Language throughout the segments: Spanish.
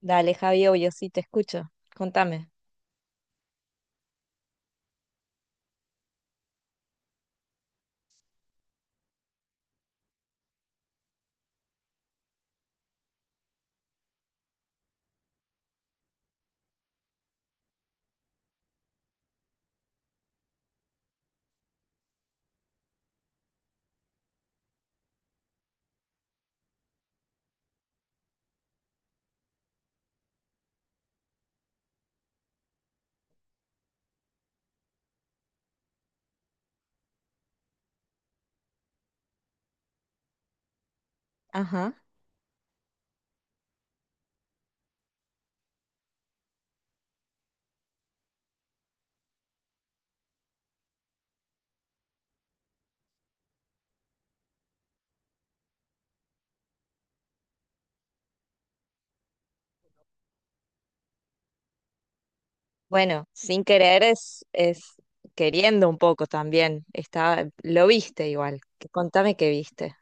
Dale, Javi, yo sí te escucho. Contame. Ajá. Bueno, sin querer es queriendo un poco también. Está, lo viste igual. Que- Contame qué viste.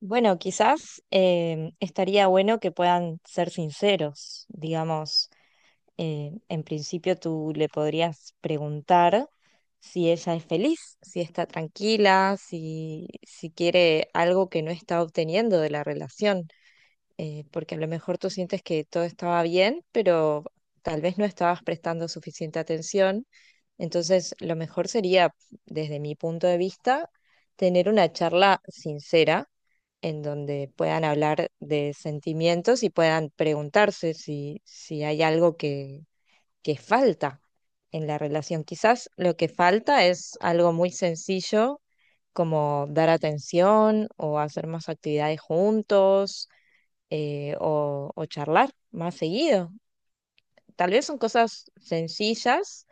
Bueno, quizás estaría bueno que puedan ser sinceros. Digamos, en principio tú le podrías preguntar si ella es feliz, si está tranquila, si quiere algo que no está obteniendo de la relación. Porque a lo mejor tú sientes que todo estaba bien, pero tal vez no estabas prestando suficiente atención. Entonces, lo mejor sería, desde mi punto de vista, tener una charla sincera en donde puedan hablar de sentimientos y puedan preguntarse si hay algo que falta en la relación. Quizás lo que falta es algo muy sencillo como dar atención o hacer más actividades juntos o charlar más seguido. Tal vez son cosas sencillas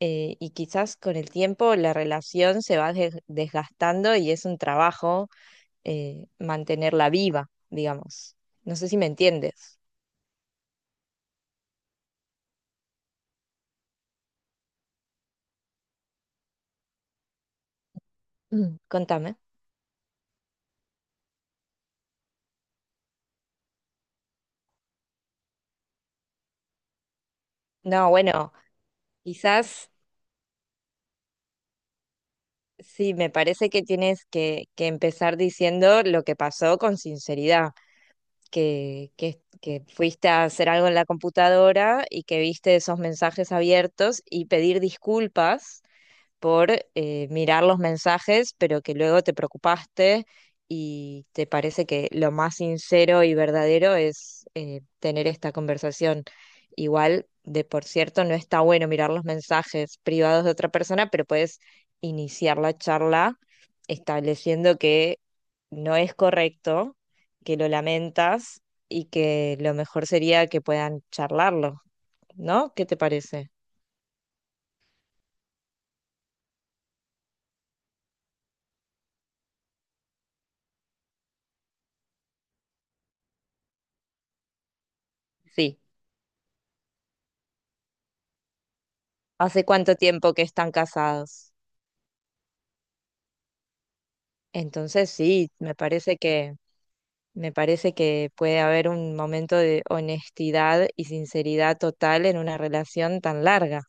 y quizás con el tiempo la relación se va desgastando y es un trabajo mantenerla viva, digamos. No sé si me entiendes. Mm. Contame. No, bueno, quizás sí, me parece que tienes que empezar diciendo lo que pasó con sinceridad. Que fuiste a hacer algo en la computadora y que viste esos mensajes abiertos y pedir disculpas por mirar los mensajes, pero que luego te preocupaste y te parece que lo más sincero y verdadero es tener esta conversación. Igual, de por cierto, no está bueno mirar los mensajes privados de otra persona, pero puedes iniciar la charla estableciendo que no es correcto, que lo lamentas y que lo mejor sería que puedan charlarlo, ¿no? ¿Qué te parece? Sí. ¿Hace cuánto tiempo que están casados? Entonces sí, me parece que puede haber un momento de honestidad y sinceridad total en una relación tan larga.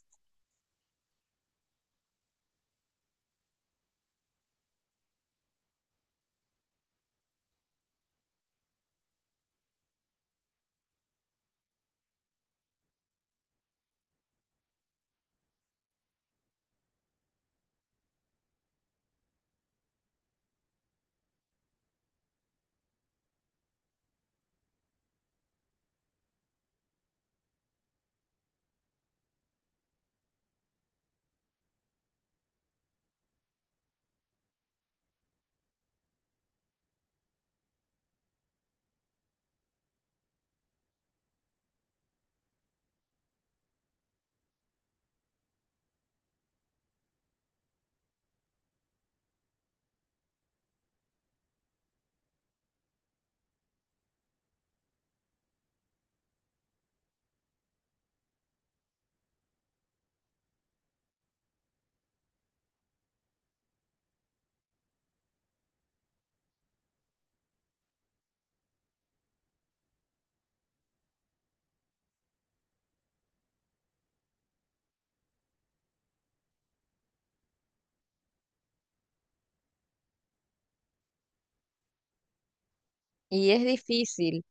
Y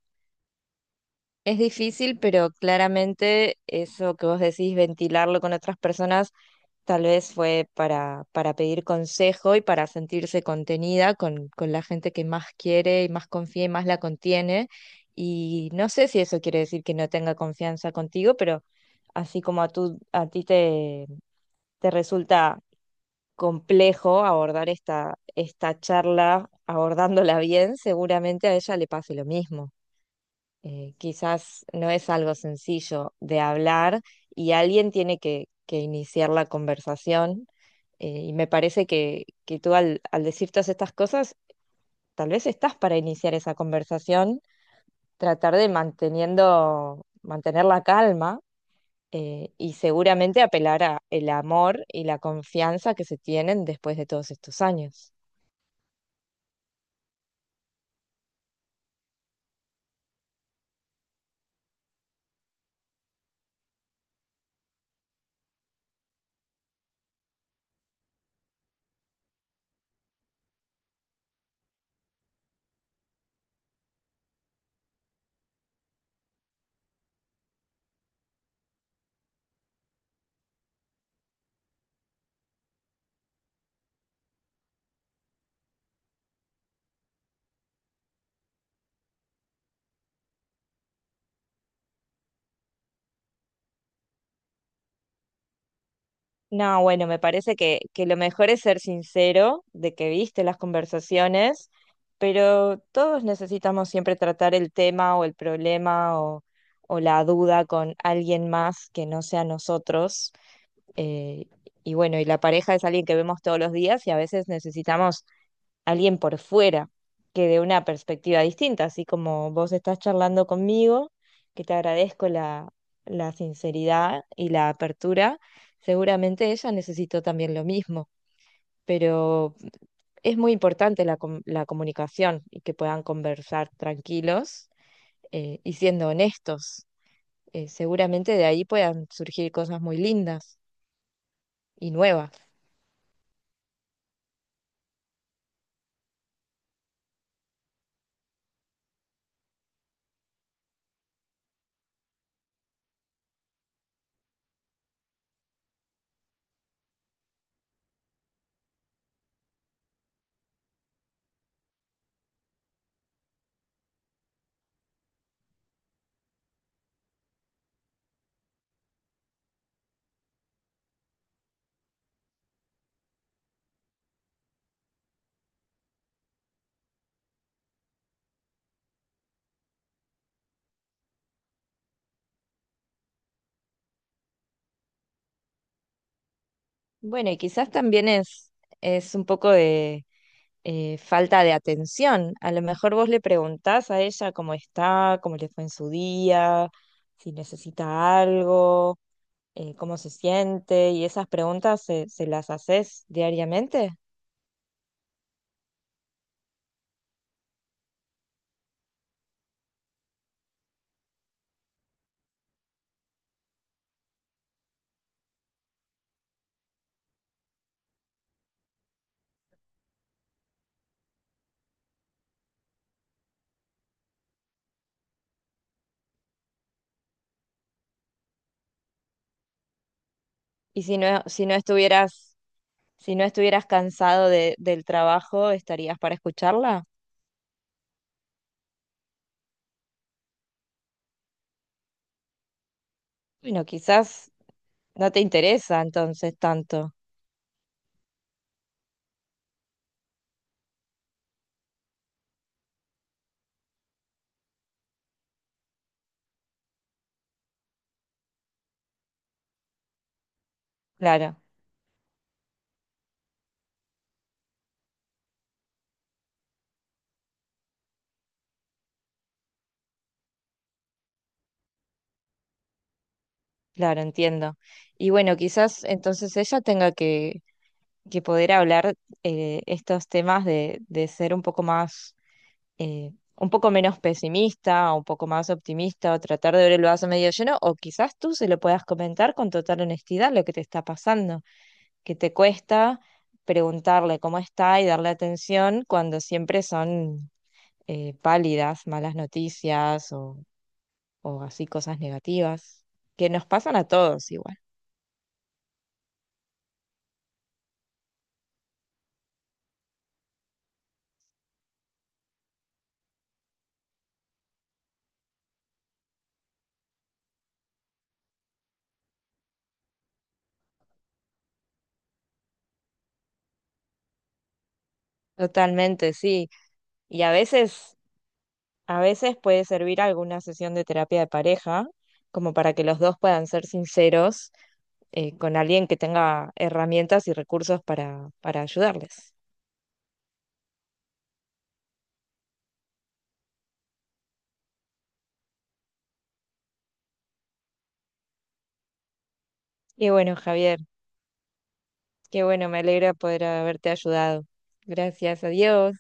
es difícil, pero claramente eso que vos decís, ventilarlo con otras personas, tal vez fue para pedir consejo y para sentirse contenida con la gente que más quiere y más confía y más la contiene. Y no sé si eso quiere decir que no tenga confianza contigo, pero así como a ti te resulta complejo abordar esta charla, abordándola bien, seguramente a ella le pase lo mismo. Quizás no es algo sencillo de hablar y alguien tiene que iniciar la conversación. Y me parece que tú al decir todas estas cosas, tal vez estás para iniciar esa conversación, tratar de mantener la calma y seguramente apelar a el amor y la confianza que se tienen después de todos estos años. No, bueno, me parece que lo mejor es ser sincero de que viste las conversaciones, pero todos necesitamos siempre tratar el tema o el problema o la duda con alguien más que no sea nosotros. eh, y bueno, y la pareja es alguien que vemos todos los días y a veces necesitamos alguien por fuera que de una perspectiva distinta, así como vos estás charlando conmigo, que te agradezco la sinceridad y la apertura, seguramente ella necesitó también lo mismo, pero es muy importante la comunicación y que puedan conversar tranquilos y siendo honestos. Seguramente de ahí puedan surgir cosas muy lindas y nuevas. Bueno, y quizás también es un poco de falta de atención. A lo mejor vos le preguntás a ella cómo está, cómo le fue en su día, si necesita algo, cómo se siente, y esas preguntas se las haces diariamente. Y si no si no estuvieras cansado del trabajo, ¿estarías para escucharla? Bueno, quizás no te interesa entonces tanto. Claro, claro, entiendo. Y bueno, quizás entonces ella tenga que poder hablar estos temas de ser un poco más, un poco menos pesimista, un poco más optimista, o tratar de ver el vaso medio lleno, o quizás tú se lo puedas comentar con total honestidad lo que te está pasando, que te cuesta preguntarle cómo está y darle atención cuando siempre son pálidas, malas noticias o así cosas negativas, que nos pasan a todos igual. Totalmente, sí. Y a veces a veces puede servir alguna sesión de terapia de pareja, como para que los dos puedan ser sinceros con alguien que tenga herramientas y recursos para ayudarles. Y bueno, Javier, qué bueno, me alegra poder haberte ayudado. Gracias, adiós.